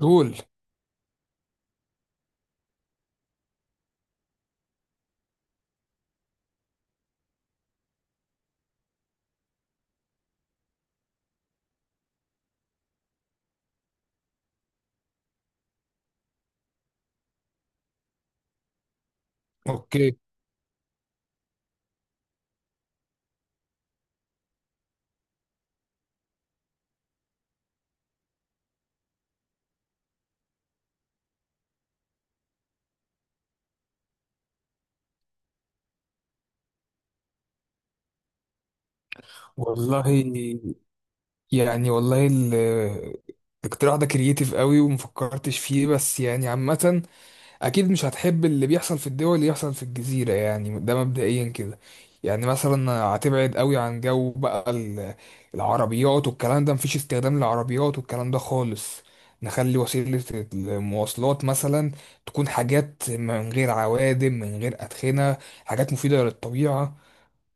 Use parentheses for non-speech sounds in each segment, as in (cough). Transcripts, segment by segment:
قول. اوكي. والله، يعني والله الاقتراح ده كرييتيف قوي ومفكرتش فيه، بس يعني عامة اكيد مش هتحب اللي بيحصل في الدول اللي يحصل في الجزيرة، يعني ده مبدئيا كده. يعني مثلا هتبعد قوي عن جو بقى العربيات والكلام ده، مفيش استخدام للعربيات والكلام ده خالص. نخلي وسيلة المواصلات مثلا تكون حاجات من غير عوادم، من غير أدخنة، حاجات مفيدة للطبيعة.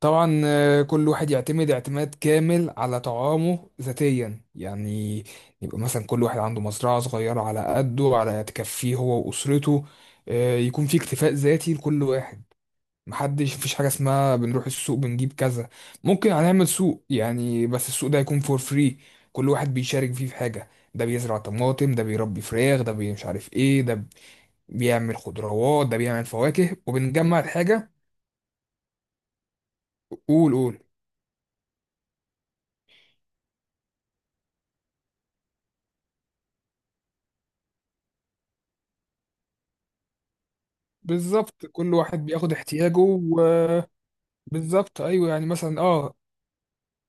طبعا آه، كل واحد يعتمد اعتماد كامل على طعامه ذاتيا، يعني يبقى مثلا كل واحد عنده مزرعة صغيرة على قده، على تكفيه هو وأسرته. آه، يكون في اكتفاء ذاتي لكل واحد. محدش، مفيش حاجة اسمها بنروح السوق بنجيب كذا. ممكن هنعمل سوق يعني، بس السوق ده يكون فور فري، كل واحد بيشارك فيه في حاجة. ده بيزرع طماطم، ده بيربي فراخ، ده مش عارف ايه، ده بيعمل خضروات، ده بيعمل فواكه، وبنجمع الحاجة. قول قول. بالظبط كل واحد بياخد احتياجه بالظبط ايوه، يعني مثلا اه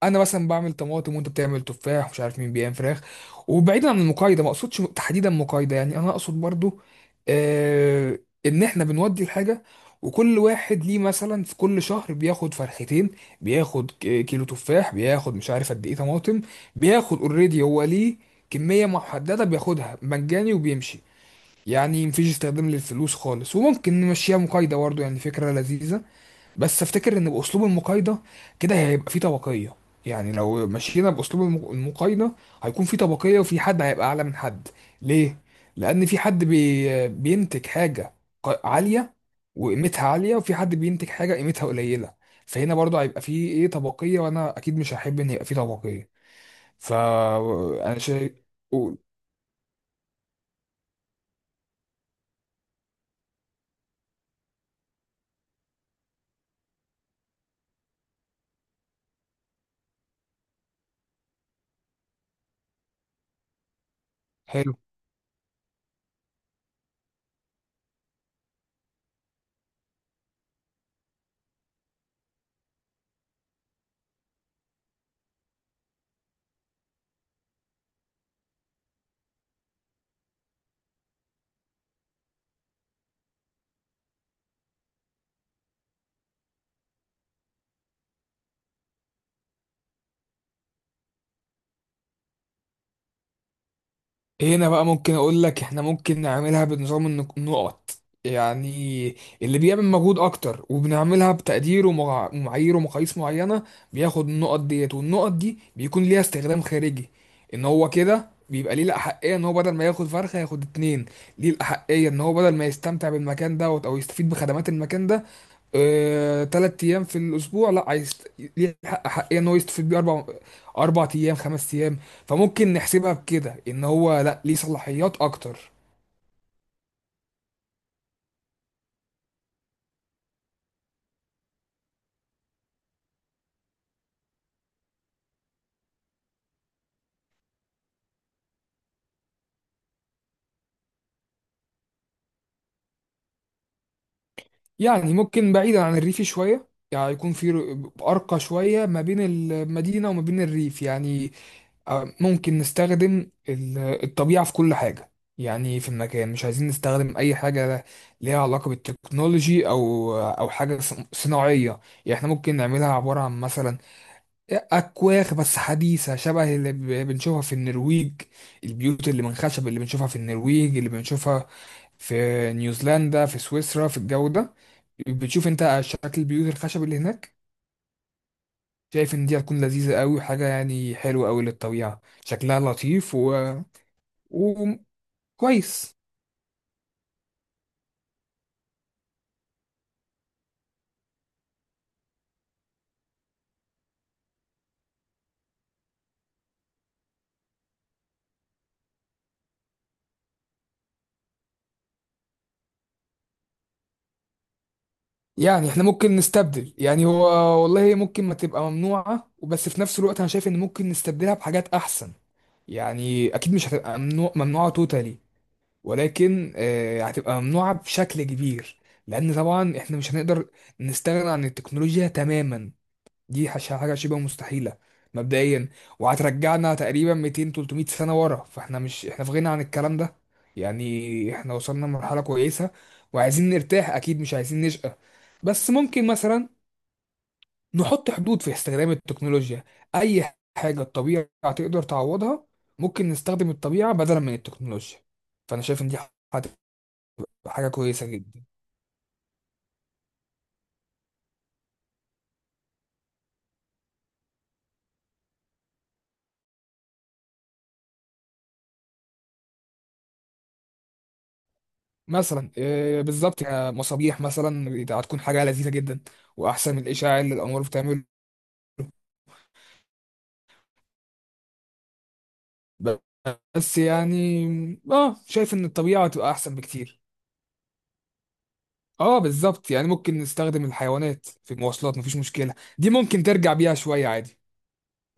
انا مثلا بعمل طماطم، وانت بتعمل تفاح، مش عارف مين بيعمل فراخ. وبعيدا عن المقايضه، ما اقصدش تحديدا مقايضه، يعني انا اقصد برضو آه ان احنا بنودي الحاجه، وكل واحد ليه مثلا في كل شهر بياخد فرختين، بياخد كيلو تفاح، بياخد مش عارف قد ايه طماطم، بياخد اوريدي هو ليه كميه محدده بياخدها مجاني وبيمشي. يعني مفيش استخدام للفلوس خالص، وممكن نمشيها مقايضة برضه، يعني فكرة لذيذة. بس افتكر ان باسلوب المقايضة كده هيبقى فيه طبقية. يعني لو مشينا باسلوب المقايضة، هيكون في طبقية، وفي حد هيبقى اعلى من حد. ليه؟ لان في حد بينتج حاجة عالية وقيمتها عالية، وفي حد بينتج حاجة قيمتها قليلة. فهنا برضه هيبقى في ايه طبقية، وانا اكيد مش هحب ان يبقى في طبقية. فانا شايف. قول. حلو. هنا بقى ممكن اقول لك احنا ممكن نعملها بنظام النقط. يعني اللي بيعمل مجهود اكتر، وبنعملها بتقدير ومعايير ومقاييس معينة، بياخد النقط ديت، والنقط دي بيكون ليها استخدام خارجي. ان هو كده بيبقى ليه الاحقية ان هو بدل ما ياخد فرخة ياخد اتنين. ليه الاحقية ان هو بدل ما يستمتع بالمكان دوت او يستفيد بخدمات المكان ده آه، تلات ايام في الاسبوع، لا عايز ليه حق حقيقة ان هو يستفيد بيه اربع، اربع ايام، خمس ايام. فممكن نحسبها بكده، ان هو لا ليه صلاحيات اكتر. يعني ممكن بعيدا عن الريف شويه، يعني يكون في ارقى شويه ما بين المدينه وما بين الريف. يعني آه، ممكن نستخدم الطبيعه في كل حاجه. يعني في المكان مش عايزين نستخدم اي حاجه ليها علاقه بالتكنولوجي او او حاجه صناعيه. يعني احنا ممكن نعملها عباره عن مثلا أكواخ، بس حديثة، شبه اللي بنشوفها في النرويج. البيوت اللي من خشب اللي بنشوفها في النرويج، اللي بنشوفها في نيوزيلندا، في سويسرا، في الجو ده. بتشوف انت شكل البيوت الخشب اللي هناك. شايف ان دي هتكون لذيذة قوي، وحاجة يعني حلوة قوي للطبيعة، شكلها لطيف و... وكويس. يعني احنا ممكن نستبدل، يعني هو والله ممكن ما تبقى ممنوعة، وبس في نفس الوقت انا شايف ان ممكن نستبدلها بحاجات احسن. يعني اكيد مش هتبقى ممنوعة توتالي، ولكن آه، هتبقى ممنوعة بشكل كبير. لأن طبعا إحنا مش هنقدر نستغنى عن التكنولوجيا تماما، دي حاجة شبه مستحيلة مبدئيا. وهترجعنا تقريبا 200 300 سنة ورا، فإحنا مش إحنا في غنى عن الكلام ده. يعني إحنا وصلنا لمرحلة كويسة، وعايزين نرتاح، أكيد مش عايزين نشقى. بس ممكن مثلا نحط حدود في استخدام التكنولوجيا. أي حاجة الطبيعة تقدر تعوضها ممكن نستخدم الطبيعة بدلا من التكنولوجيا. فأنا شايف إن دي حاجه كويسه جدا. مثلا آه، بالظبط، كمصابيح مثلا هتكون حاجه لذيذه جدا، واحسن من الاشاعه اللي الانوار بتعمل. بس يعني اه شايف ان الطبيعه هتبقى احسن بكتير. اه بالظبط، يعني ممكن نستخدم الحيوانات في المواصلات، مفيش مشكله، دي ممكن ترجع بيها شويه عادي.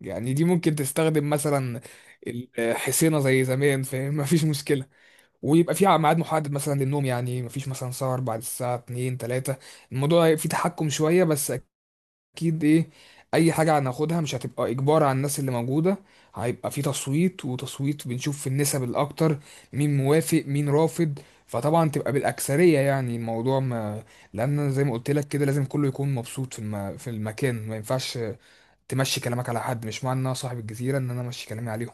يعني دي ممكن تستخدم مثلا الحصينه زي زمان، فاهم؟ (laughs) مفيش مشكله. ويبقى في ميعاد محدد مثلا للنوم، يعني مفيش مثلا سهر بعد الساعه 2 3. الموضوع فيه تحكم شويه بس، اكيد ايه. اي حاجه هناخدها مش هتبقى اجبار على الناس اللي موجوده، هيبقى في تصويت، وتصويت بنشوف في النسب الاكتر، مين موافق مين رافض. فطبعا تبقى بالاكثريه، يعني الموضوع ما، لان زي ما قلت لك كده لازم كله يكون مبسوط في المكان. ما ينفعش تمشي كلامك على حد، مش معنى ان انا صاحب الجزيره ان انا امشي كلامي عليهم.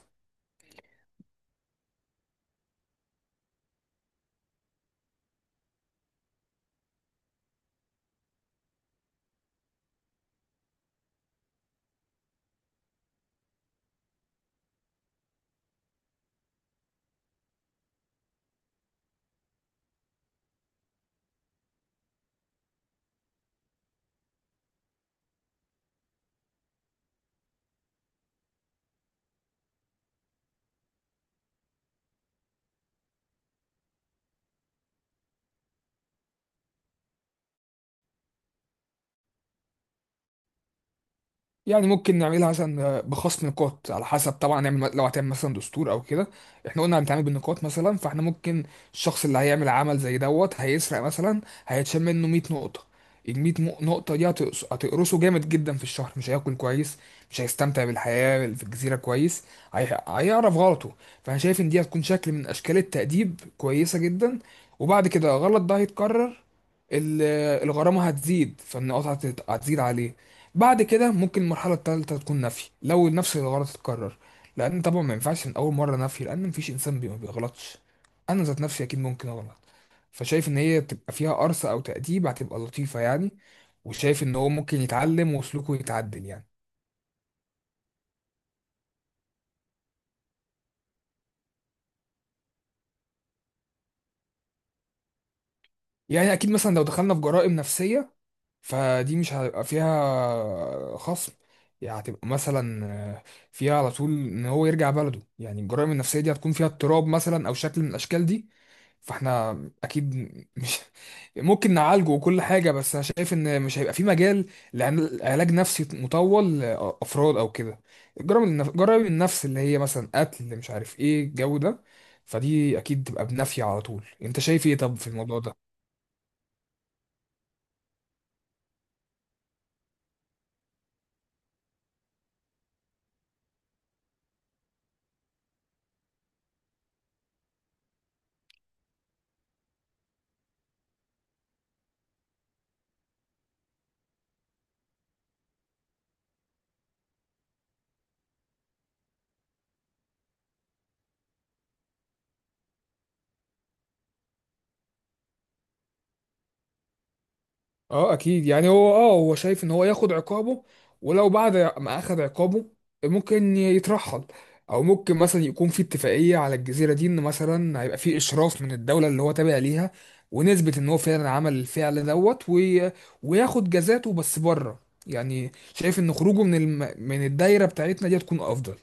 يعني ممكن نعملها مثلا بخصم نقاط، على حسب طبعا نعمل، لو هتعمل مثلا دستور او كده. احنا قلنا هنتعامل بالنقاط مثلا، فاحنا ممكن الشخص اللي هيعمل عمل زي دوت، هيسرق مثلا، هيتشال منه 100 نقطة. ال 100 نقطة دي هتقرصه جامد جدا، في الشهر مش هياكل كويس، مش هيستمتع بالحياة في الجزيرة كويس، هيعرف غلطه. فانا شايف ان دي هتكون شكل من اشكال التأديب كويسة جدا. وبعد كده غلط ده هيتكرر، ال- الغرامة هتزيد، فالنقاط هتزيد عليه. بعد كده ممكن المرحلة التالتة تكون نفي، لو نفس الغلط اتكرر. لأن طبعا ما ينفعش من أول مرة نفي، لأن مفيش إنسان ما بيغلطش، أنا ذات نفسي أكيد ممكن أغلط. فشايف إن هي تبقى فيها قرصة أو تأديب، هتبقى لطيفة يعني، وشايف إن هو ممكن يتعلم وسلوكه يتعدل يعني. يعني أكيد مثلا لو دخلنا في جرائم نفسية، فدي مش هيبقى فيها خصم، يعني هتبقى مثلا آه، فيها على طول إن هو يرجع بلده. يعني الجرائم النفسية دي هتكون فيها اضطراب مثلا، أو شكل من الأشكال دي. فاحنا اكيد مش (laughs) ممكن نعالجه وكل حاجه، بس انا شايف ان مش هيبقى في مجال لعلاج نفسي مطول لافراد او كده. جرائم النفس اللي هي مثلا قتل، مش عارف ايه الجو ده، فدي اكيد تبقى بنفي على طول. انت شايف ايه طب في الموضوع ده؟ اه اكيد، يعني هو هو شايف ان هو ياخد عقابه. ولو بعد ما اخد عقابه ممكن يترحل، او ممكن مثلا يكون في اتفاقيه على الجزيره دي، ان مثلا هيبقى في اشراف من الدوله اللي هو تابع ليها، ونثبت ان هو فعلا عمل الفعل دوت، وياخد جزاته بس بره. يعني شايف ان خروجه من من الدايره بتاعتنا دي تكون افضل.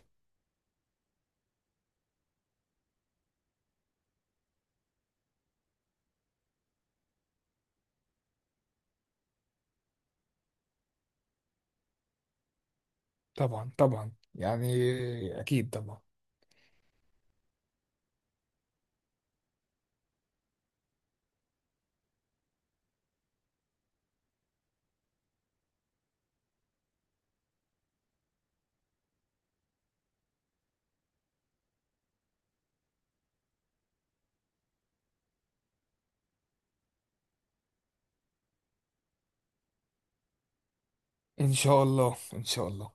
طبعا طبعا، يعني اكيد طبعا. ان شاء الله ان شاء الله.